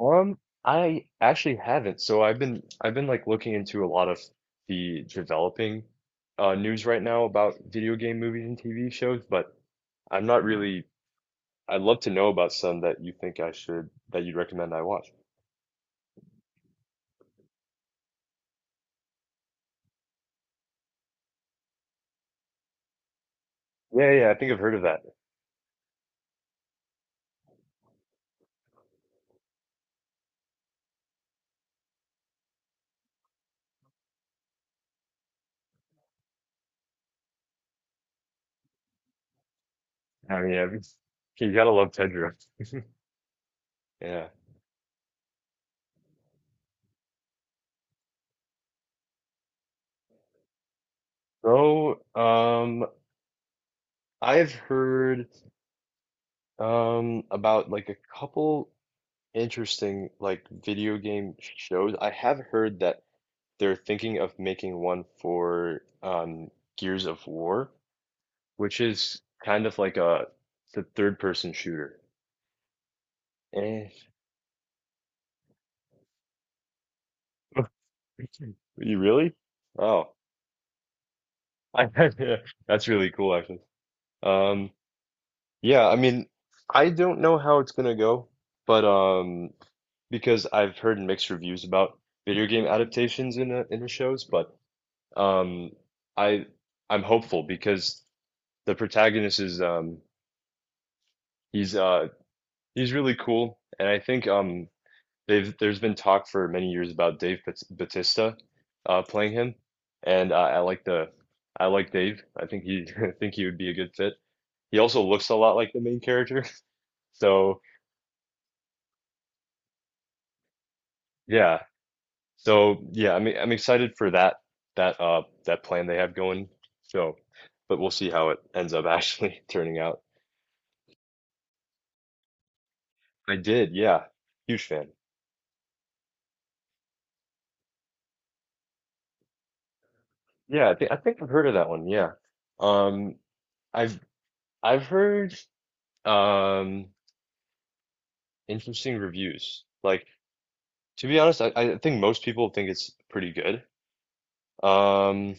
Um, I actually haven't. So I've been like looking into a lot of the developing news right now about video game movies and TV shows, but I'm not really. I'd love to know about some that you think I should, that you'd recommend I watch. Yeah, yeah, I think I've heard of that. I mean, I've, you gotta love Tedra. Yeah. So, um, I've heard about like a couple interesting like video game shows. I have heard that they're thinking of making one for Gears of War, which is kind of like a the third person shooter. Eh. You really? Oh, I, that's really cool actually. Um, yeah, I mean, I don't know how it's gonna go, but because I've heard mixed reviews about video game adaptations in the shows, but um, I I'm hopeful because the protagonist is he's uh he's really cool, and I think they've there's been talk for many years about Batista playing him, and I like the I like Dave. I think he I think he would be a good fit. He also looks a lot like the main character, so yeah, yeah, I'm excited for that that plan they have going. So, but we'll see how it ends up actually turning out. I did, yeah, huge fan. Yeah, I think I've heard of that one. Yeah, um, I've I've heard. Um, Interesting reviews. Like, to be honest, I think most people think it's pretty good. Um,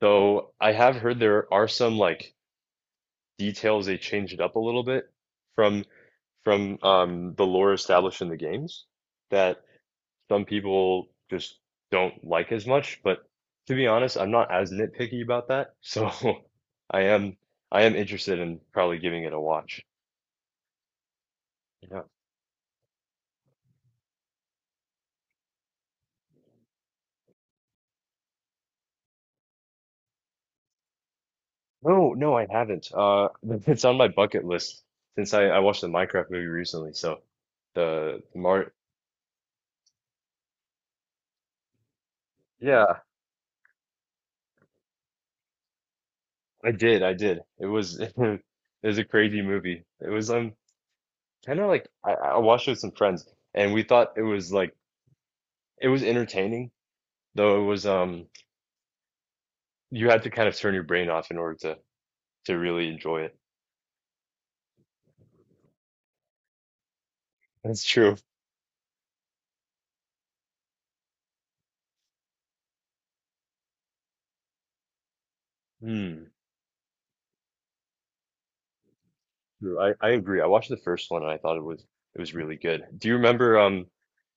though I have heard there are some like details they changed it up a little bit from from the lore established in the games that some people just don't like as much. But to be honest, I'm not as nitpicky about that. So I am I am interested in probably giving it a watch. Yeah. No, no, I haven't. It's on my bucket list since I watched the Minecraft movie recently. So the Mar yeah, I did, I did. It was it was a crazy movie. It was kind of like I watched it with some friends and we thought it was like it was entertaining, though it was you had to kind of turn your brain off in order to really enjoy it. That's true. Hmm. True. I agree. I watched the first one and I thought it was really good. Do you remember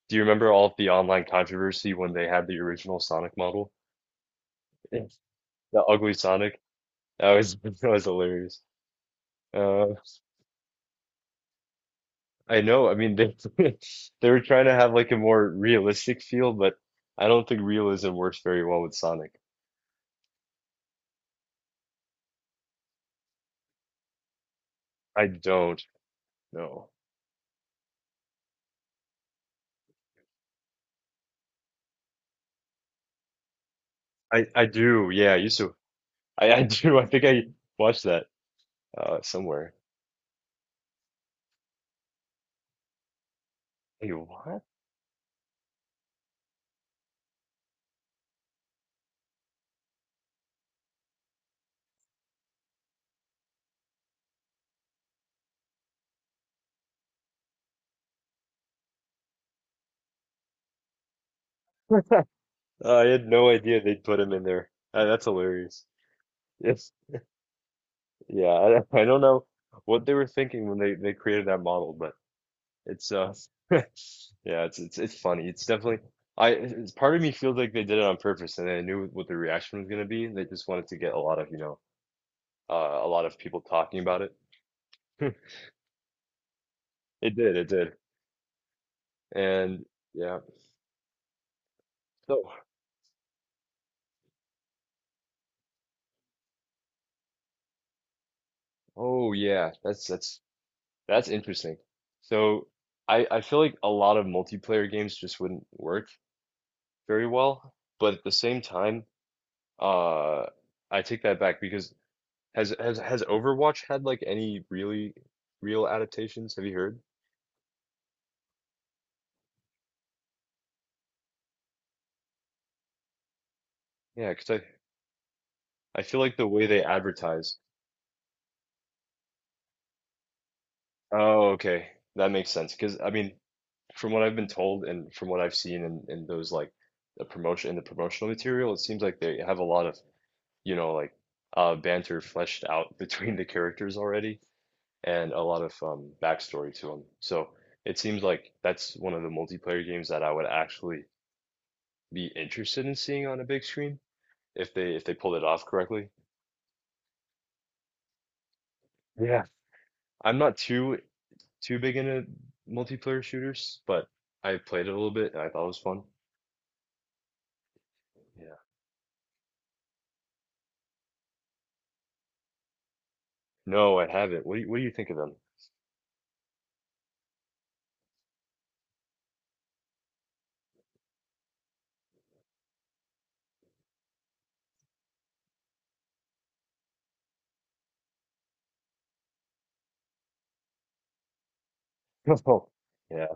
do you remember all of the online controversy when they had the original Sonic model? Yes. The ugly Sonic. That was that was hilarious. Uh, I know. I mean, they they were trying to have like a more realistic feel, but I don't think realism works very well with Sonic. I don't know. I do. Yeah, I used to. I do. I think I watched that somewhere. Hey, what? I had no idea they'd put him in there. That's hilarious. Yeah, I, I don't know what they were thinking when they created that model, but it's yeah, it's funny. It's definitely I it's, part of me feels like they did it on purpose and they knew what the reaction was going to be. They just wanted to get a lot of, uh, a lot of people talking about it. It did, it did. And yeah. So, oh yeah, that's interesting. So, I feel like a lot of multiplayer games just wouldn't work very well, but at the same time Uh, I take that back because has Overwatch had like any really real adaptations? Have you heard? Yeah, because I feel like the way they advertise. Oh, okay, that makes sense. Because I mean, from what I've been told and from what I've seen in those like the promotion in the promotional material, it seems like they have a lot of, you know, like banter fleshed out between the characters already and a lot of backstory to them. So it seems like that's one of the multiplayer games that I would actually be interested in seeing on a big screen if they pulled it off correctly. Yeah. I'm not too big into multiplayer shooters, but I played it a little bit and I thought it was fun. Yeah. No, I haven't. What do what do you think of them? Oh, yeah,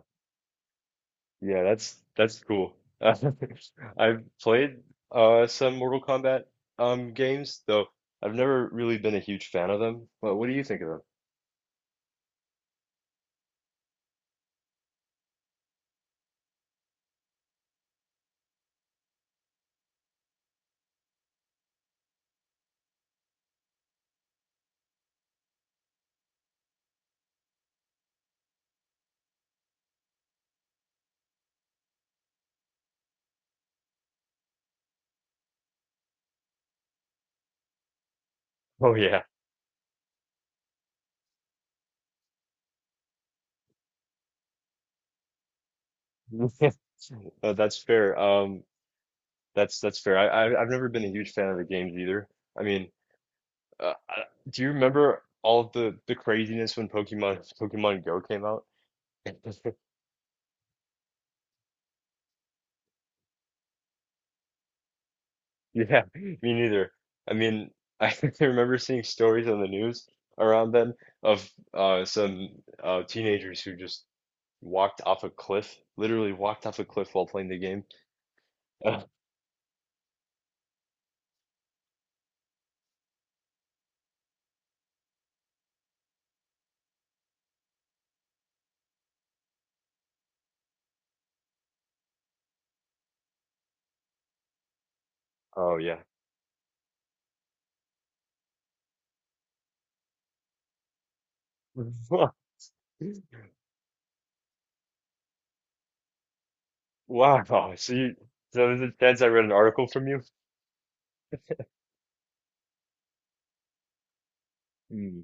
yeah, that's cool. I've played some Mortal Kombat games, though I've never really been a huge fan of them. But what do you think of them? Oh yeah. That's fair. That's fair. I I've never been a huge fan of the games either. I mean, uh, I- do you remember all of the craziness when Pokemon Go came out? Yeah, me neither. I mean, I remember seeing stories on the news around then of some teenagers who just walked off a cliff, literally walked off a cliff while playing the game. Oh yeah. Wow. So is it- that's, I read an article from you? Hmm.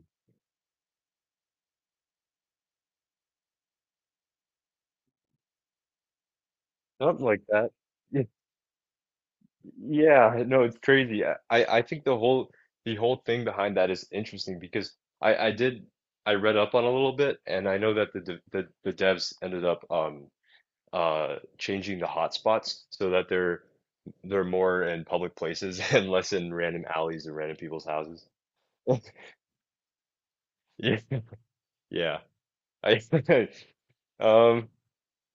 Something like that. Yeah, no, it's crazy. I think the whole thing behind that is interesting because I did, I read up on a little bit and I know that the devs ended up changing the hotspots so that they're more in public places and less in random alleys and random people's houses. Yeah. Yeah. I um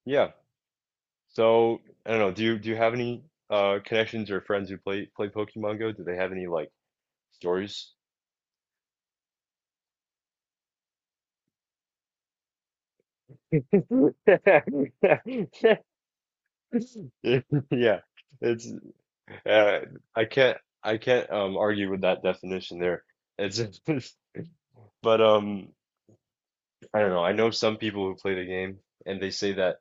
yeah. So I don't know, do you have any connections or friends who play Pokemon Go? Do they have any like stories? Yeah, it's uh, I can't argue with that definition there. It's but I don't know. I know some people who play the game and they say that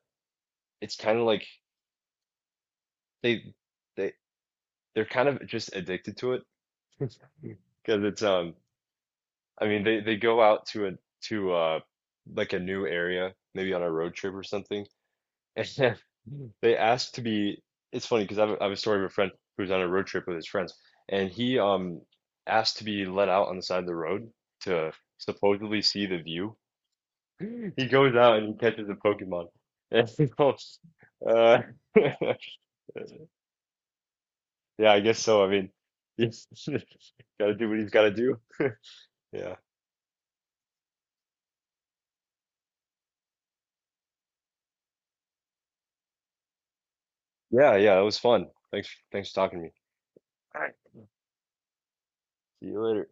it's kind of like they they they're kind of just addicted to it because it's I mean they go out to like a new area maybe on a road trip or something. And they asked to be. It's funny because I have a story of a friend who was on a road trip with his friends, and he asked to be let out on the side of the road to supposedly see the view. He goes out and he catches a Pokemon. And he goes, uh, yeah, I guess so. I mean, he's gotta do what he's gotta do. Yeah, yeah, yeah. It was fun. Thanks for talking to me. All right. See you later.